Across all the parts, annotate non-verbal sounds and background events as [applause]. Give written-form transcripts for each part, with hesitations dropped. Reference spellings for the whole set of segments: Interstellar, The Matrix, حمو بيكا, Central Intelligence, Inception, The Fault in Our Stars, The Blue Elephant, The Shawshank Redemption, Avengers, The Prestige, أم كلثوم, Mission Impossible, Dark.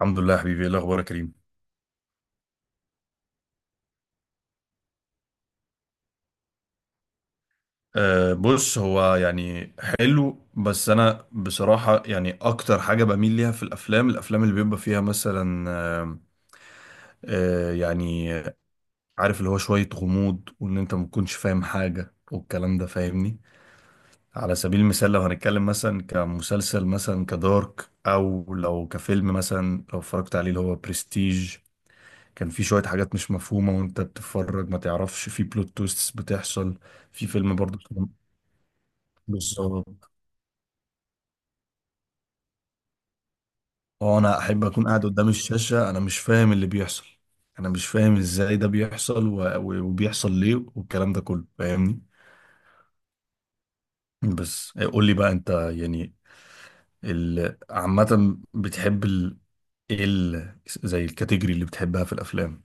الحمد لله يا حبيبي، ايه الاخبار يا كريم؟ بص، هو يعني حلو. بس انا بصراحة يعني اكتر حاجة بميل ليها في الافلام اللي بيبقى فيها مثلا أه أه يعني عارف، اللي هو شوية غموض وان انت ما تكونش فاهم حاجة والكلام ده، فاهمني؟ على سبيل المثال لو هنتكلم مثلا كمسلسل مثلا كدارك، او لو كفيلم مثلا لو اتفرجت عليه اللي هو برستيج. كان في شوية حاجات مش مفهومة وانت بتتفرج، ما تعرفش في بلوت تويستس بتحصل. في فيلم برضه بالظبط. اه، انا احب اكون قاعد قدام الشاشة انا مش فاهم اللي بيحصل. انا مش فاهم ازاي ده بيحصل و... و- وبيحصل ليه والكلام ده كله، فاهمني؟ بس إيه، قول لي بقى انت يعني عامة بتحب ايه ال... زي الكاتيجوري اللي بتحبها في الافلام؟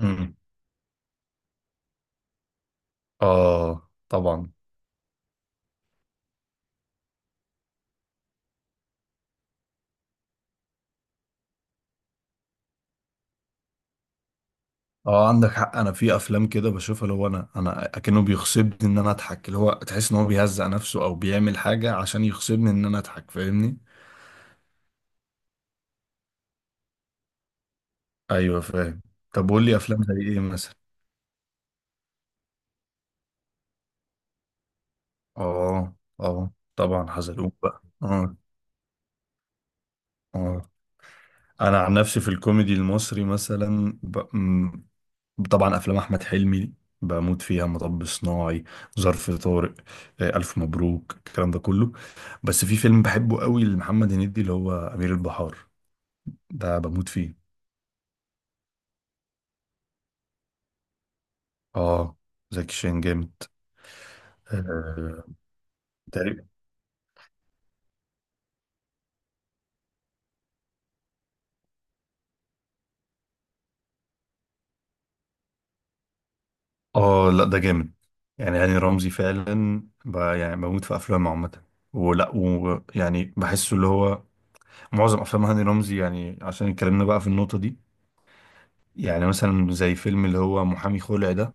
امم اه، طبعا. اه عندك حق، انا في افلام كده بشوفها اللي هو انا اكنه بيغصبني ان انا اضحك، اللي هو تحس ان هو بيهزق نفسه او بيعمل حاجه عشان يغصبني ان انا اضحك، فاهمني؟ ايوه فاهم. طب قول لي افلام زي ايه مثلا؟ اه اه طبعا، حزلقوم بقى. اه اه انا عن نفسي في الكوميدي المصري مثلا طبعا افلام احمد حلمي بموت فيها. مطب صناعي، ظرف طارق، الف مبروك، الكلام ده كله. بس في فيلم بحبه قوي لمحمد هنيدي اللي هو امير البحار، ده بموت فيه. اه، زكي شان جامد. آه. تقريبا. اه، لا ده جامد. يعني هاني رمزي فعلا يعني بموت في افلامه عامة، ولا ويعني بحسه اللي هو معظم افلام هاني رمزي، يعني عشان اتكلمنا بقى في النقطة دي، يعني مثلا زي فيلم اللي هو محامي خلع ده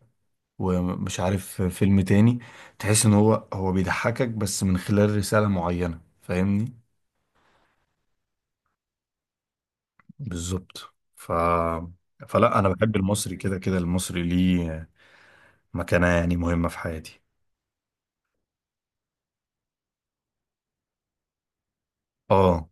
ومش عارف فيلم تاني، تحس ان هو بيضحكك بس من خلال رسالة معينة، فاهمني؟ بالظبط. ف فلا انا بحب المصري كده كده، المصري ليه مكانة يعني مهمة في حياتي. اه.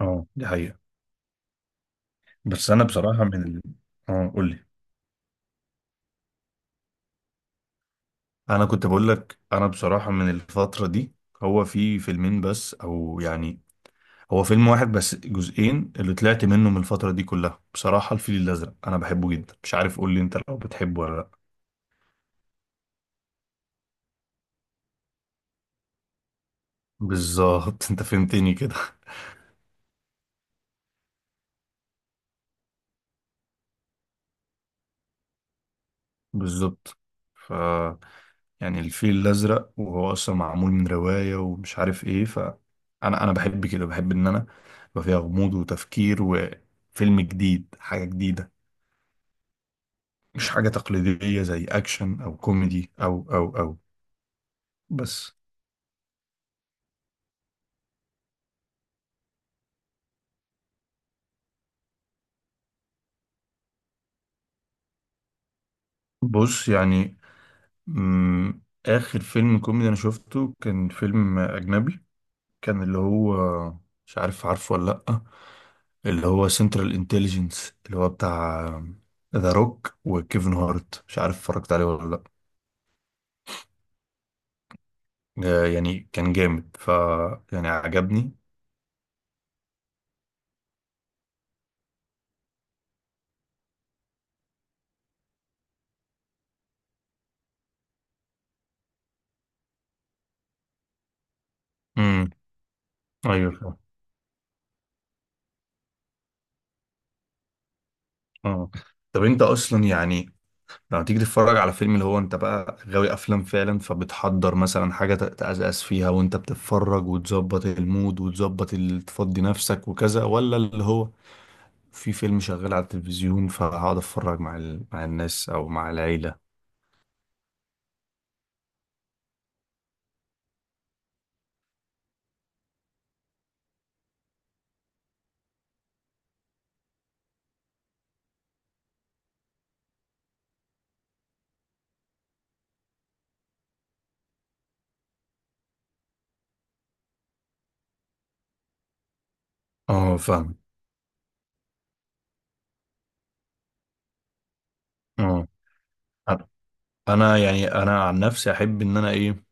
اه دي حقيقة. بس انا بصراحة اه قول لي. انا كنت بقول لك انا بصراحة من الفترة دي، هو في فيلمين بس او يعني هو فيلم واحد بس جزئين اللي طلعت منه من الفترة دي كلها بصراحة، الفيل الازرق انا بحبه جدا. مش عارف، قول لي انت لو بتحبه ولا لا؟ بالظبط. [laughs] انت فهمتني كده. بالظبط. ف يعني الفيل الازرق، وهو اصلا معمول من روايه ومش عارف ايه. ف انا بحب كده، بحب ان انا يبقى فيها غموض وتفكير وفيلم جديد، حاجه جديده، مش حاجه تقليديه زي اكشن او كوميدي او. بس. بص يعني اخر فيلم كوميدي انا شفته كان فيلم اجنبي. كان اللي هو، مش عارف عارفه ولا لا، اللي هو سنترال انتليجنس، اللي هو بتاع ذا روك وكيفن هارت. مش عارف اتفرجت عليه ولا لا؟ يعني كان جامد. ف يعني عجبني. امم ايوه فاهم. اه. طب انت اصلا يعني لما تيجي تتفرج على فيلم، اللي هو انت بقى غاوي افلام فعلا، فبتحضر مثلا حاجه تتأسس فيها وانت بتتفرج وتظبط المود وتظبط تفضي نفسك وكذا، ولا اللي هو في فيلم شغال على التلفزيون فهقعد اتفرج مع مع الناس او مع العيله؟ اه فاهم. اه انا، أنا يعني انا عن نفسي احب ان انا ايه،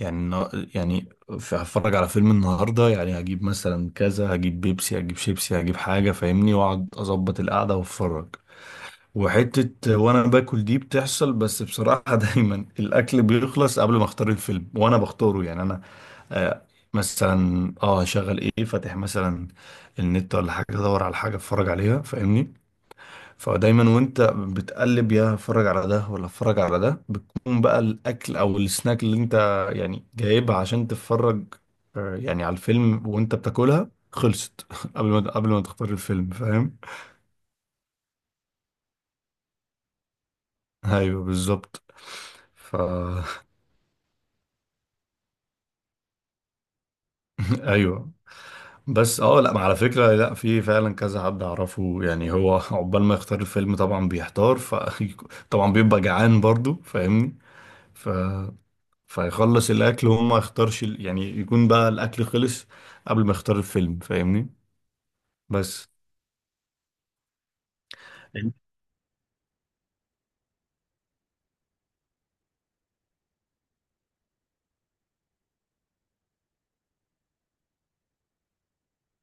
يعني هتفرج على فيلم النهارده يعني هجيب مثلا كذا، هجيب بيبسي، هجيب شيبسي، هجيب حاجه فاهمني، واقعد اظبط القعده واتفرج. وحته وانا باكل دي بتحصل، بس بصراحه [laughs] دايما الاكل بيخلص قبل ما اختار الفيلم وانا بختاره. يعني انا آه مثلا اه هشغل ايه، فاتح مثلا النت ولا حاجه، ادور على حاجه اتفرج عليها فاهمني. فدايما وانت بتقلب يا اتفرج على ده ولا اتفرج على ده، بتكون بقى الاكل او السناك اللي انت يعني جايبها عشان تتفرج يعني على الفيلم وانت بتاكلها خلصت [laughs] قبل ما تختار الفيلم، فاهم؟ ايوه بالظبط. ف [laughs] ايوه. بس اه لا، ما على فكرة لا، في فعلا كذا حد اعرفه يعني هو [laughs] عقبال ما يختار الفيلم طبعا بيحتار. ف [laughs] طبعا بيبقى جعان برضو، فاهمني؟ فيخلص الاكل وهو ما يختارش يعني يكون بقى الاكل خلص قبل ما يختار الفيلم، فاهمني؟ بس.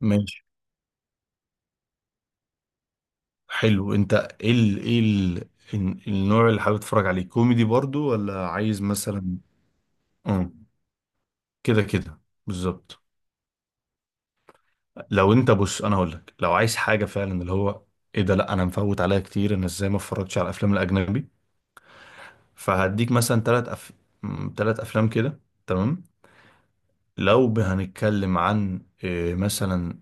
ماشي. حلو، انت ايه النوع اللي حابب تتفرج عليه، كوميدي برضو ولا عايز مثلا؟ اه كده كده، بالظبط. لو انت، بص انا هقول لك، لو عايز حاجه فعلا اللي هو ايه ده، لا انا مفوت عليها كتير، انا ازاي ما اتفرجتش على الافلام الاجنبي؟ فهديك مثلا ثلاث افلام كده. تمام. لو هنتكلم عن إيه، مثلا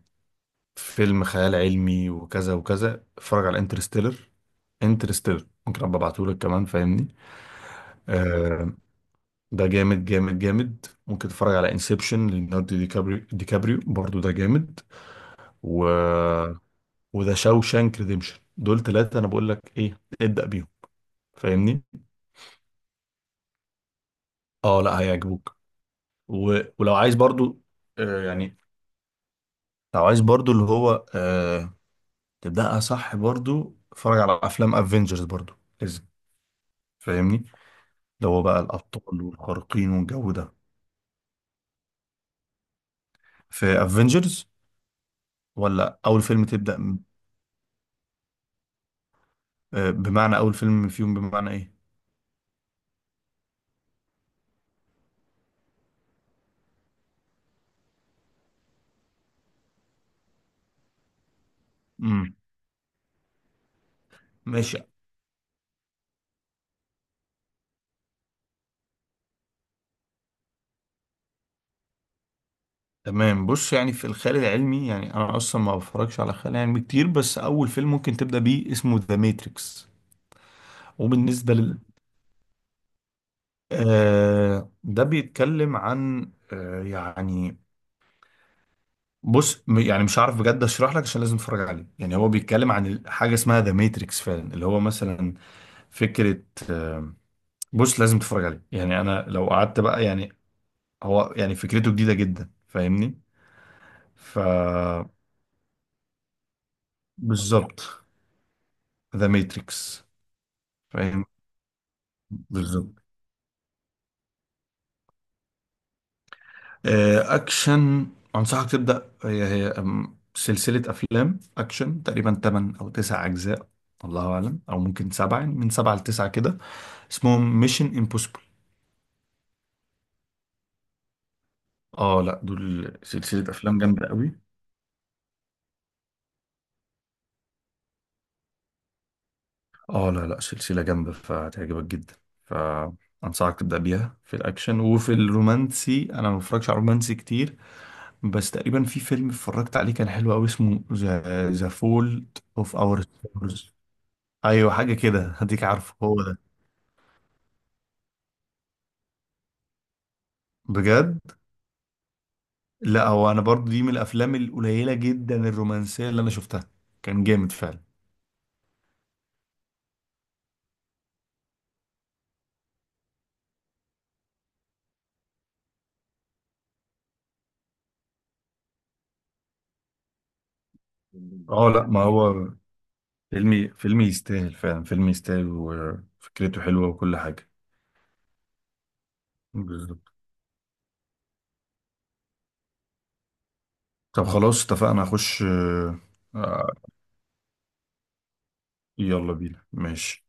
فيلم خيال علمي وكذا وكذا، اتفرج على انترستيلر. انترستيلر ممكن ابقى ابعته لك كمان، فاهمني؟ آه. ده جامد جامد جامد. ممكن تتفرج على انسبشن، ليوناردو دي كابريو برضو، ده جامد. و وده شاوشانك ريديمشن. دول ثلاثة انا بقول لك ايه، ابدأ بيهم فاهمني. اه لا هيعجبوك. و... ولو عايز برضو آه يعني لو عايز برضو اللي هو تبدأها صح، برضو اتفرج على افلام افنجرز برضو، لازم، فاهمني؟ اللي هو بقى الأبطال والخارقين والجو ده. في افنجرز ولا أول فيلم تبدأ بمعنى أول فيلم فيهم بمعنى إيه؟ امم ماشي. تمام. بص يعني في الخيال العلمي، يعني أنا أصلا ما بفرجش على خيال علمي كتير، بس أول فيلم ممكن تبدأ بيه اسمه ذا ماتريكس. وبالنسبة لل ده بيتكلم عن بص يعني مش عارف بجد اشرح لك، عشان لازم تتفرج عليه. يعني هو بيتكلم عن حاجة اسمها ذا ماتريكس فعلا، اللي هو مثلا فكرة. بص لازم تتفرج عليه، يعني انا لو قعدت بقى يعني. هو يعني فكرته جديده جدا، فاهمني؟ ف بالظبط. ذا ماتريكس. فاهم. بالظبط. اكشن. انصحك تبدا هي هي أم، سلسله افلام اكشن تقريبا 8 او 9 اجزاء، الله اعلم، او ممكن سبعه، يعني من سبعه لتسعه كده، اسمهم ميشن امبوسيبل. اه لا، دول سلسله افلام جامده قوي. اه لا لا، سلسلة جامدة فهتعجبك جدا. فأنصحك تبدأ بيها في الأكشن. وفي الرومانسي أنا ما بتفرجش على رومانسي كتير، بس تقريبا في فيلم اتفرجت عليه كان حلو أوي، اسمه ذا فولت أوف أور ستارز. أيوة حاجة كده، هديك. عارفه هو ده؟ بجد؟ لا هو، أنا برضو دي من الأفلام القليلة جدا الرومانسية اللي أنا شفتها، كان جامد فعلا. اه لا ما هو، فيلمي يستاهل فعلا، فيلم يستاهل، وفكرته حلوة وكل حاجة. بالظبط. طب خلاص اتفقنا، هخش. آه، يلا بينا، ماشي.